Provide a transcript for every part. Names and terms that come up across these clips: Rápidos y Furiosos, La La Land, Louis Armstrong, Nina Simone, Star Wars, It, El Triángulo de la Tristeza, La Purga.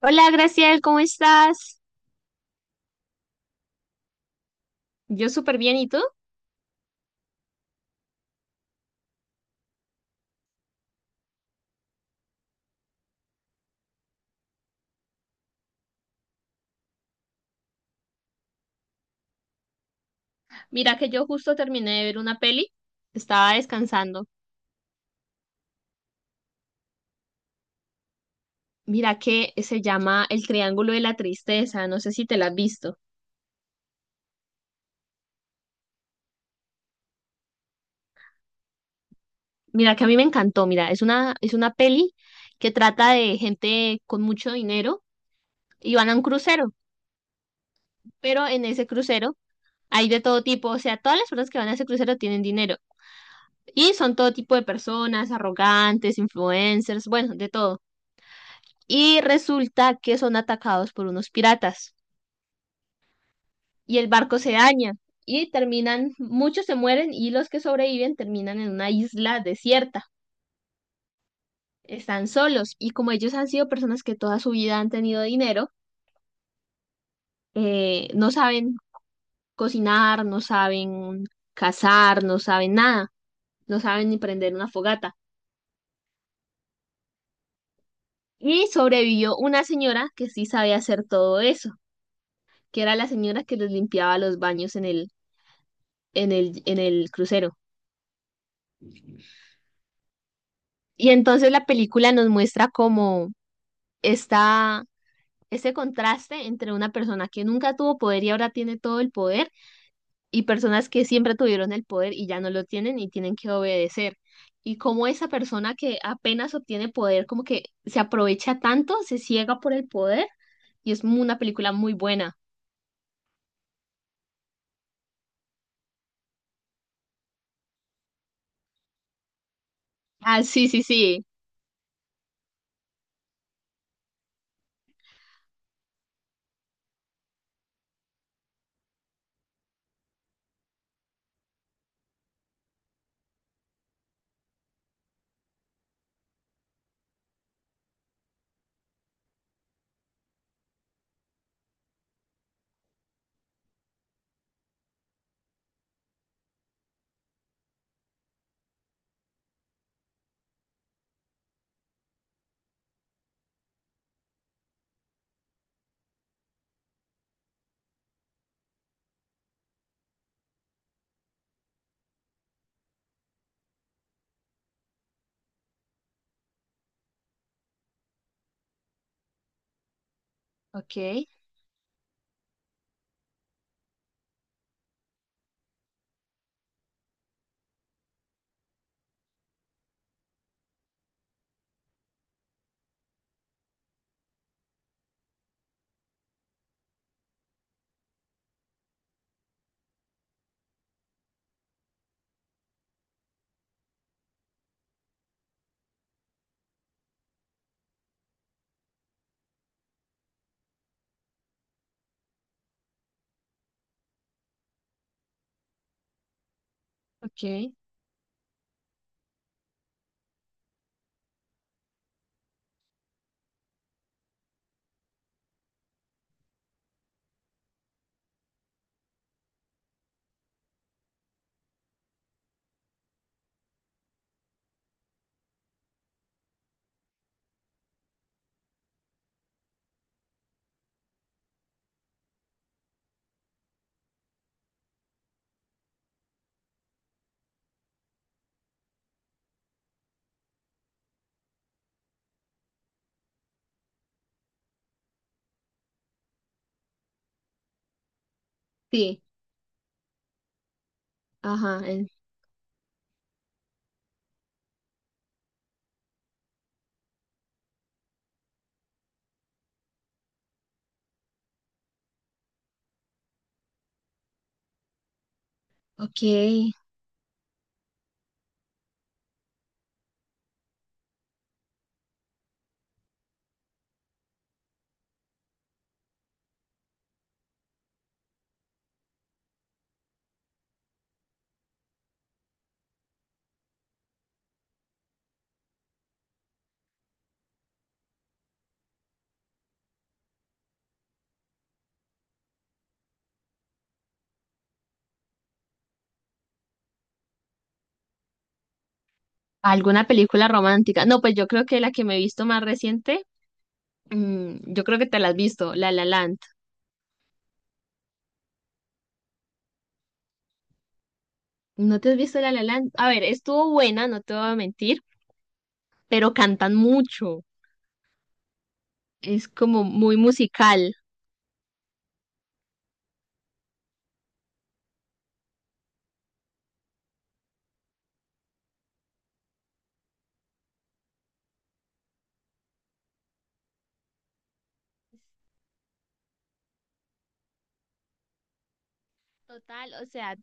Hola, Graciel, ¿cómo estás? Yo súper bien, ¿y tú? Mira que yo justo terminé de ver una peli, estaba descansando. Mira que se llama El Triángulo de la Tristeza, no sé si te la has visto. Mira que a mí me encantó, mira, es una peli que trata de gente con mucho dinero y van a un crucero, pero en ese crucero hay de todo tipo, o sea, todas las personas que van a ese crucero tienen dinero y son todo tipo de personas, arrogantes, influencers, bueno, de todo. Y resulta que son atacados por unos piratas y el barco se daña y terminan, muchos se mueren y los que sobreviven terminan en una isla desierta. Están solos y como ellos han sido personas que toda su vida han tenido dinero, no saben cocinar, no saben cazar, no saben nada, no saben ni prender una fogata. Y sobrevivió una señora que sí sabía hacer todo eso, que era la señora que les limpiaba los baños en el crucero. Y entonces la película nos muestra como está ese contraste entre una persona que nunca tuvo poder y ahora tiene todo el poder y personas que siempre tuvieron el poder y ya no lo tienen y tienen que obedecer. Y cómo esa persona que apenas obtiene poder como que se aprovecha tanto, se ciega por el poder y es una película muy buena. Ah, sí, sí, sí. Ok, ok. Sí, ajá. Ok. ¿Alguna película romántica? No, pues yo creo que la que me he visto más reciente. Mm, yo creo que te la has visto, La La Land. ¿No te has visto La La Land? A ver, estuvo buena, no te voy a mentir, pero cantan mucho. Es como muy musical. Total, o sea,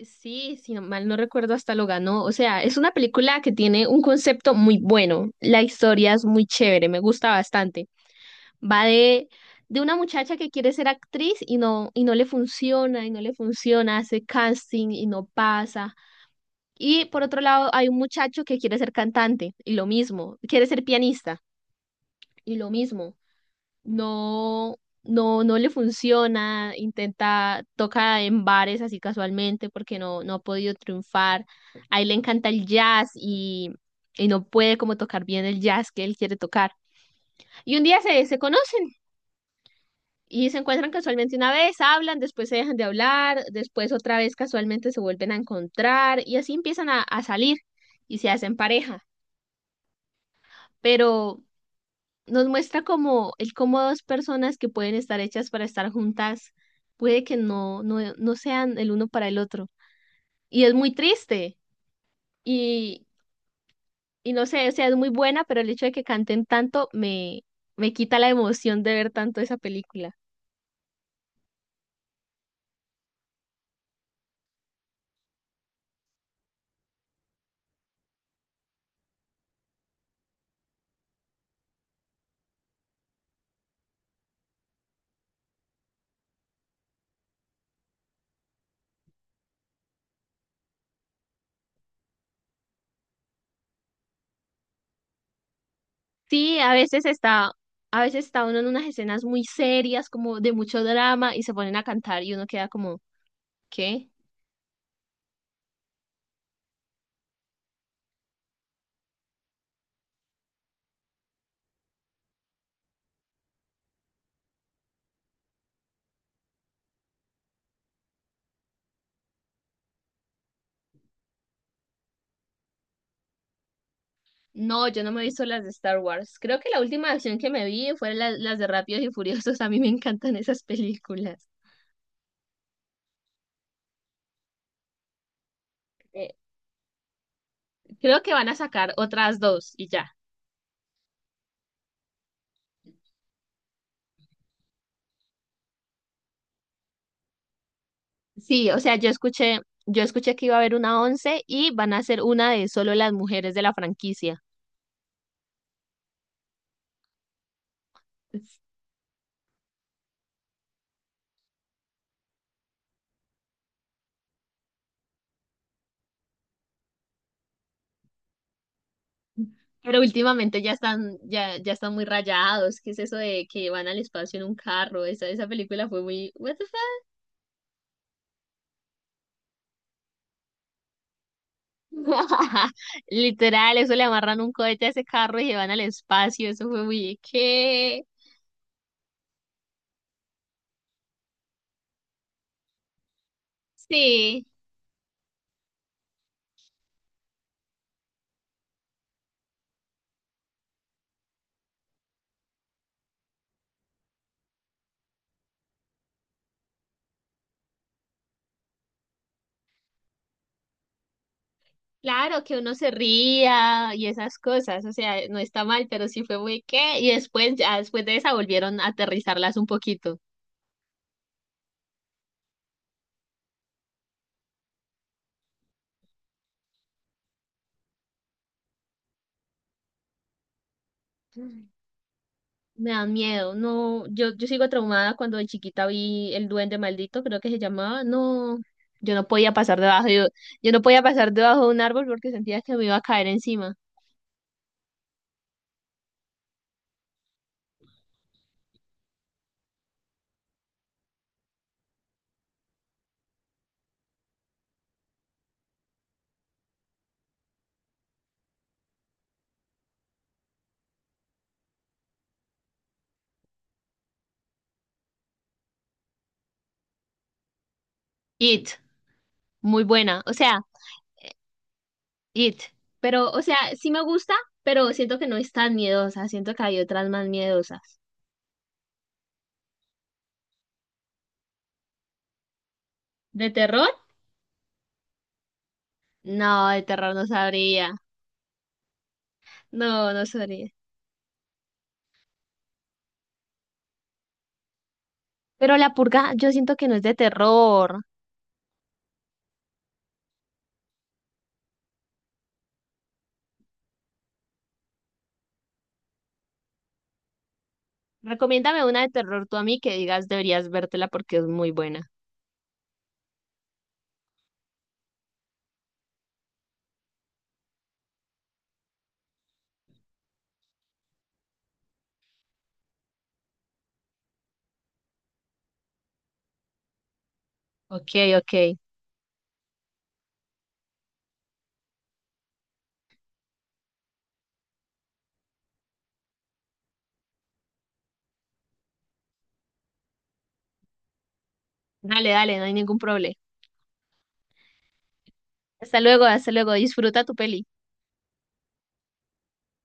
sí, mal no recuerdo, hasta lo ganó. O sea, es una película que tiene un concepto muy bueno. La historia es muy chévere, me gusta bastante. Va de una muchacha que quiere ser actriz y no le funciona, y no le funciona, hace casting y no pasa. Y por otro lado, hay un muchacho que quiere ser cantante y lo mismo, quiere ser pianista y lo mismo. No, no, no le funciona, intenta, toca en bares así casualmente porque no, no ha podido triunfar. A él le encanta el jazz y no puede como tocar bien el jazz que él quiere tocar. Y un día se, se conocen y se encuentran casualmente una vez, hablan, después se dejan de hablar, después otra vez casualmente se vuelven a encontrar y así empiezan a salir y se hacen pareja. Pero nos muestra como el cómo dos personas que pueden estar hechas para estar juntas puede que no, no, no sean el uno para el otro. Y es muy triste y, y no sé, o sea, es muy buena, pero el hecho de que canten tanto me, me quita la emoción de ver tanto esa película. Sí, a veces está uno en unas escenas muy serias, como de mucho drama, y se ponen a cantar y uno queda como, ¿qué? No, yo no me he visto las de Star Wars. Creo que la última acción que me vi fue las de Rápidos y Furiosos. A mí me encantan esas películas. Eh, creo que van a sacar otras dos y ya. Sí, o sea, yo escuché que iba a haber una once y van a hacer una de solo las mujeres de la franquicia. Pero últimamente ya están, ya, ya están muy rayados. ¿Qué es eso de que van al espacio en un carro? Esa película fue muy, what the Literal, eso le amarran un cohete a ese carro y se van al espacio. Eso fue muy qué, sí, claro que uno se ría y esas cosas, o sea, no está mal, pero sí fue muy qué y después ya después de esa volvieron a aterrizarlas un poquito. Mm. Me dan miedo. No, yo sigo traumada cuando de chiquita vi el duende maldito, creo que se llamaba. No, yo no podía pasar debajo yo, yo no podía pasar debajo de un árbol porque sentía que me iba a caer encima. It, muy buena, o sea, It. Pero, o sea, sí me gusta, pero siento que no es tan miedosa. Siento que hay otras más miedosas. ¿De terror? No, de terror no sabría. No, no sabría. Pero La Purga, yo siento que no es de terror. Recomiéndame una de terror tú a mí que digas deberías vértela porque es muy buena. Ok, ok. Dale, dale, no hay ningún problema. Hasta luego, hasta luego. Disfruta tu peli.